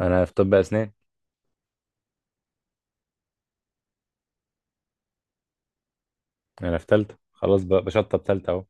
انا في طب اسنان. انا في ثالثه خلاص، بشطب ثالثه اهو.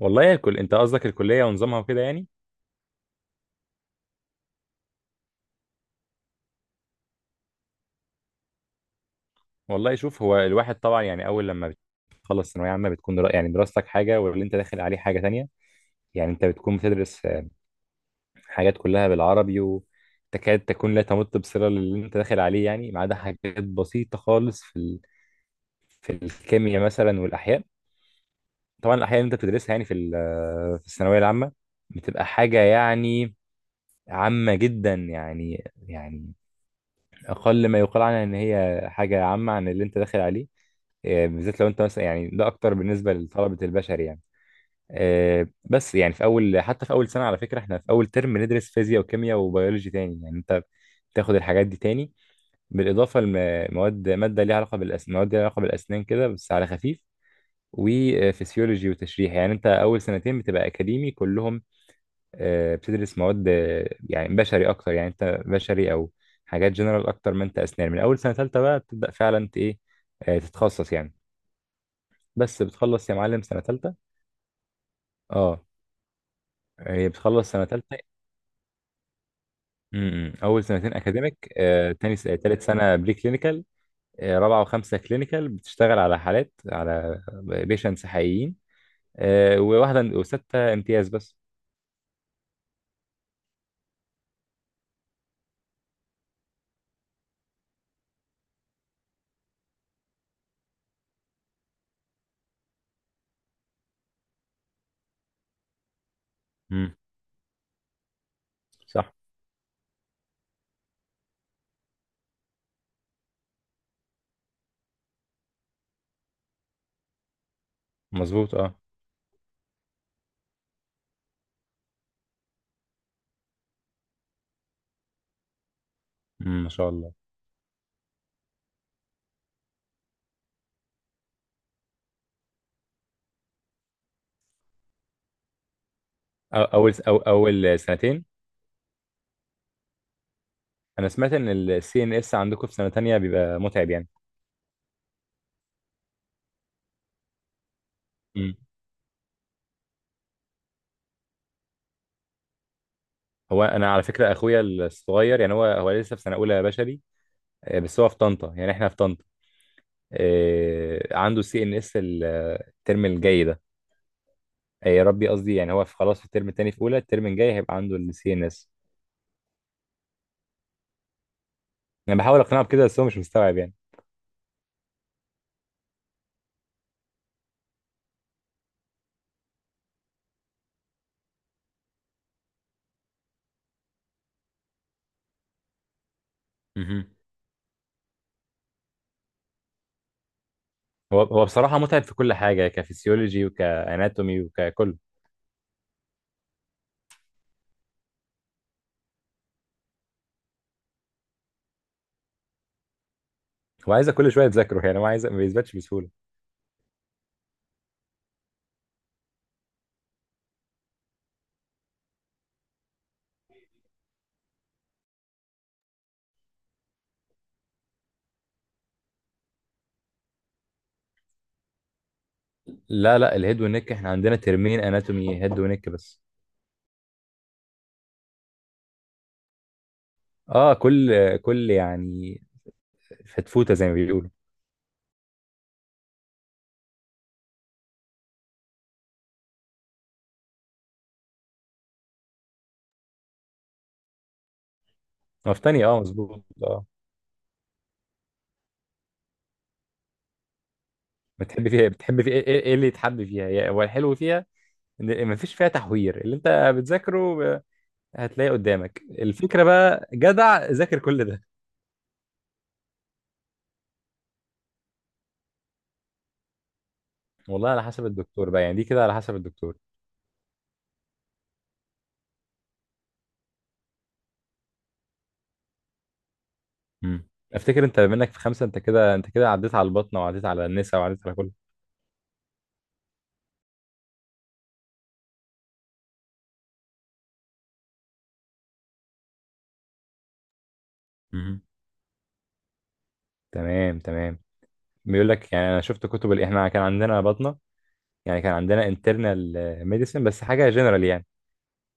والله يا كل، انت قصدك الكليه ونظامها وكده يعني. والله شوف، هو الواحد طبعا يعني اول لما بتخلص ثانويه عامه بتكون يعني دراستك حاجه واللي انت داخل عليه حاجه تانية. يعني انت بتكون بتدرس حاجات كلها بالعربي وتكاد تكون لا تمت بصله للي انت داخل عليه، يعني ما عدا حاجات بسيطه خالص في الكيمياء مثلا والاحياء. طبعا الاحياء اللي انت بتدرسها يعني في ال... آه، في الثانويه العامه بتبقى حاجه يعني عامه جدا، يعني أقل ما يقال عنها إن هي حاجة عامة عن اللي أنت داخل عليه. بالذات لو أنت مثلا، يعني ده أكتر بالنسبة لطلبة البشر يعني. بس يعني في أول، حتى في أول سنة على فكرة، إحنا في أول ترم ندرس فيزياء وكيمياء وبيولوجي تاني، يعني أنت تاخد الحاجات دي تاني. بالإضافة لمواد، مادة ليها علاقة بالأسنان، مواد ليها علاقة بالأسنان كده بس على خفيف، وفسيولوجي وتشريح. يعني أنت أول سنتين بتبقى أكاديمي كلهم. بتدرس مواد يعني بشري اكتر، يعني انت بشري او حاجات جنرال اكتر ما انت اسنان. من اول سنه ثالثه بقى بتبدا فعلا انت ايه، تتخصص يعني. بس بتخلص يا معلم سنه ثالثه. اه، هي بتخلص سنه ثالثه. اول سنتين اكاديميك، تاني ثالث سنه بري كلينيكال، رابعه وخمسه كلينيكال بتشتغل على حالات، على بيشنتس حقيقيين، وواحده وسته امتياز بس. امم، صح، مظبوط اه. مم، ما شاء الله. أو اول سنتين. انا سمعت ان السي ان اس عندكم في سنه تانية بيبقى متعب يعني. امم. هو انا على فكره اخويا الصغير، يعني هو لسه في سنه اولى بشري. بس هو في طنطا، يعني احنا في طنطا. عنده السي ان اس الترم الجاي ده. يا ربي، قصدي يعني هو في خلاص في الترم التاني في اولى، الترم الجاي هيبقى عنده السي ان اس. انا بحاول اقنعه بكده، بس هو مش مستوعب يعني. مهم. هو بصراحه متعب في كل حاجه، كفسيولوجي وكاناتومي وككل. هو عايزك كل شويه تذاكره، يعني هو عايز، ما بيثبتش بسهوله. لا، لا، الهيد والنك، احنا عندنا ترمين اناتومي هيد ونك بس. اه، كل يعني فتفوته زي ما بيقولوا. مفتني اه، مظبوط اه. بتحب فيها ايه، إيه اللي يتحب فيها، هو الحلو فيها ان ما فيش فيها تحوير. اللي انت بتذاكره هتلاقيه قدامك. الفكره بقى، جدع ذاكر كل ده. والله على حسب الدكتور بقى، يعني دي كده على حسب الدكتور. امم. افتكر انت بما انك في خمسه، انت كده، انت كده عديت على البطنه وعديت على النساء وعديت على كل. امم، تمام، تمام. بيقول لك يعني، انا شفت كتب احنا كان عندنا بطنه، يعني كان عندنا انترنال ميديسن، بس حاجه جنرال يعني.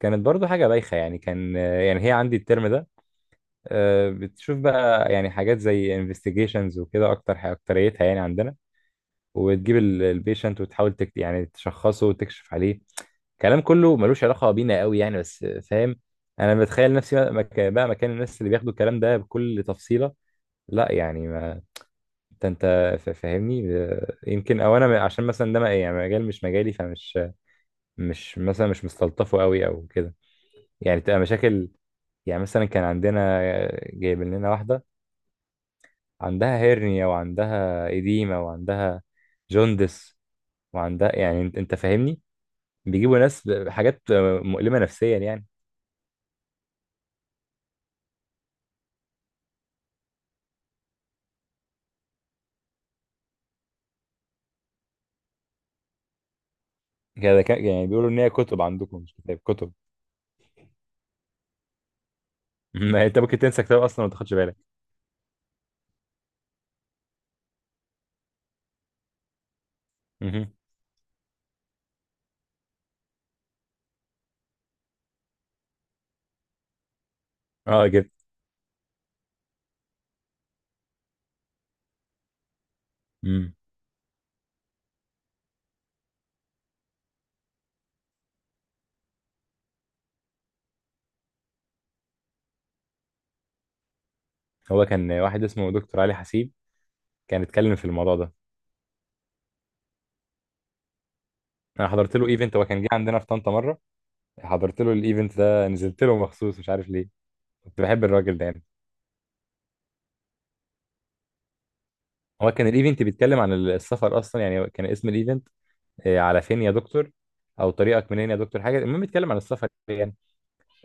كانت برضو حاجة بايخة يعني، كان يعني هي عندي الترم ده. بتشوف بقى يعني حاجات زي investigations وكده، أكتر حاجة أكتريتها يعني عندنا، وتجيب البيشنت وتحاول تكت، يعني تشخصه وتكشف عليه. كلام كله ملوش علاقة بينا قوي يعني، بس فاهم. أنا بتخيل نفسي بقى مكان الناس اللي بياخدوا الكلام ده بكل تفصيلة. لا يعني ما، أنت فاهمني. يمكن، أو أنا عشان مثلا ده يعني مجال مش مجالي، فمش مش مثلا مش مستلطفه قوي أو كده. يعني تبقى مشاكل. يعني مثلا كان عندنا جايبين لنا واحدة عندها هيرنيا وعندها إديمة وعندها جوندس وعندها، يعني انت فاهمني. بيجيبوا ناس بحاجات مؤلمة نفسيا يعني. كده يعني بيقولوا ان هي كتب عندكم، مش كتاب، كتب. ما انت ممكن تنسى كتاب اصلا وما تاخدش بالك. مهم. اه كده. مم. هو كان واحد اسمه دكتور علي حسيب، كان اتكلم في الموضوع ده. انا حضرت له ايفنت، هو كان جه عندنا في طنطا مره، حضرت له الايفنت ده، نزلت له مخصوص، مش عارف ليه. كنت بحب الراجل ده يعني. هو كان الايفنت بيتكلم عن السفر اصلا، يعني كان اسم الايفنت على فين يا دكتور، او طريقك منين يا دكتور، حاجه. المهم بيتكلم عن السفر يعني.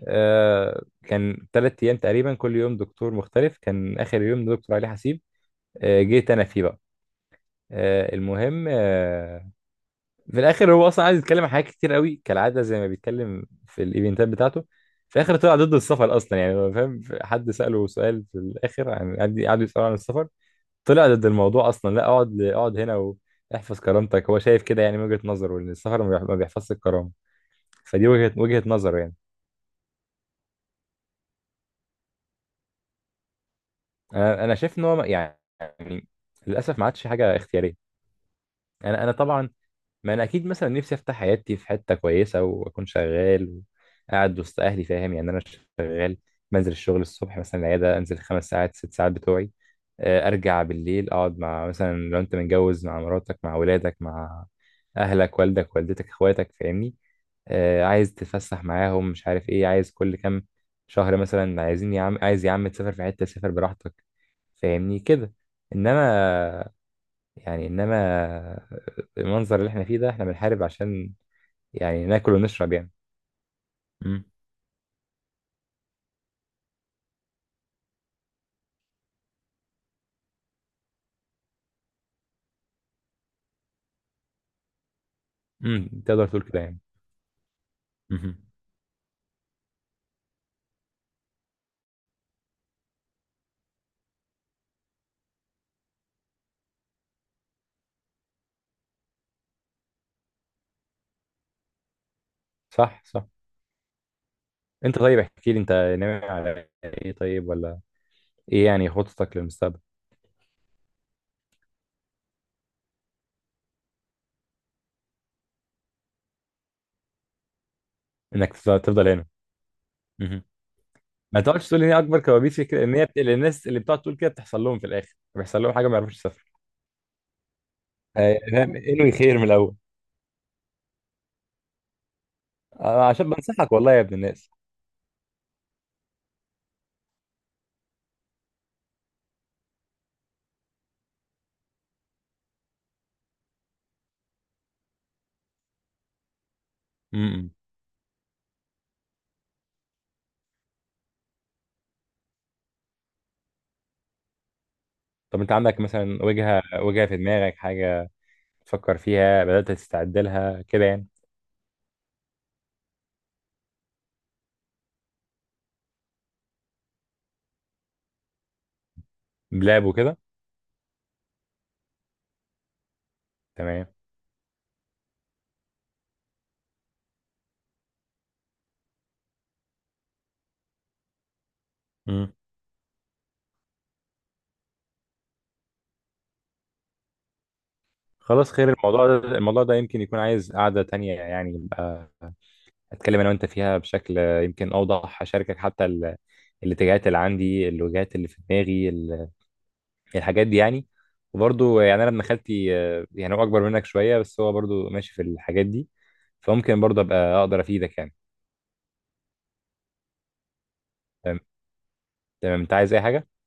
كان 3 ايام تقريبا، كل يوم دكتور مختلف، كان اخر يوم دكتور علي حسيب. جيت انا فيه بقى. المهم، في الاخر هو اصلا عايز يتكلم عن حاجات كتير قوي، كالعاده زي ما بيتكلم في الايفنتات بتاعته. في الاخر طلع ضد السفر اصلا، يعني هو فاهم، حد ساله سؤال في الاخر عن، قعدوا يسالوا عن السفر. طلع ضد الموضوع اصلا، لا اقعد، اقعد هنا واحفظ كرامتك. هو شايف كده يعني، من وجهة نظره ان السفر ما بيحفظش الكرامة. فدي وجهة نظره يعني. انا شايف ان هو يعني للاسف ما عادش حاجة اختيارية. انا طبعا، ما انا اكيد مثلا نفسي افتح حياتي في حتة كويسة، واكون شغال وقاعد وسط اهلي، فاهم يعني. انا شغال، بنزل الشغل الصبح مثلا، العيادة انزل 5 ساعات 6 ساعات بتوعي، ارجع بالليل، اقعد مع، مثلا لو انت متجوز مع مراتك مع ولادك مع اهلك والدك والدتك اخواتك، فاهمني. عايز تتفسح معاهم، مش عارف ايه، عايز كل كام شهر مثلا، عايزين يا عم، عايز يا عم تسافر في حتة، سافر براحتك، فاهمني كده. انما، يعني انما المنظر اللي احنا فيه ده، احنا بنحارب عشان، يعني ناكل ونشرب يعني. مم. امم، تقدر تقول كده يعني. مهم. صح، صح. انت، طيب احكي لي انت، ناوي على ايه طيب، ولا ايه يعني، خططك للمستقبل انك تفضل هنا؟ ما تقعدش تقول ان هي اكبر كوابيس، هي كده ان لأن الناس اللي بتقعد تقول كده بتحصل لهم في الاخر، بيحصل لهم حاجه ما يعرفوش يسافروا. فاهم، انوي خير من الاول. عشان بنصحك والله يا ابن الناس. امم. طب انت عندك مثلا وجهه في دماغك، حاجه تفكر فيها، بدات تستعد لها كده يعني؟ بلاب وكده. تمام. امم. خلاص خير. الموضوع ده، الموضوع ده يمكن يكون عايز قعده تانية يعني، يبقى اتكلم انا وانت فيها بشكل يمكن اوضح، اشاركك حتى الاتجاهات اللي عندي، الوجهات اللي في دماغي، الحاجات دي يعني. وبرضه يعني انا ابن خالتي، يعني هو اكبر منك شويه، بس هو برضه ماشي في الحاجات دي، فممكن برضه ابقى اقدر افيدك يعني. تمام. تمام، انت عايز اي حاجه؟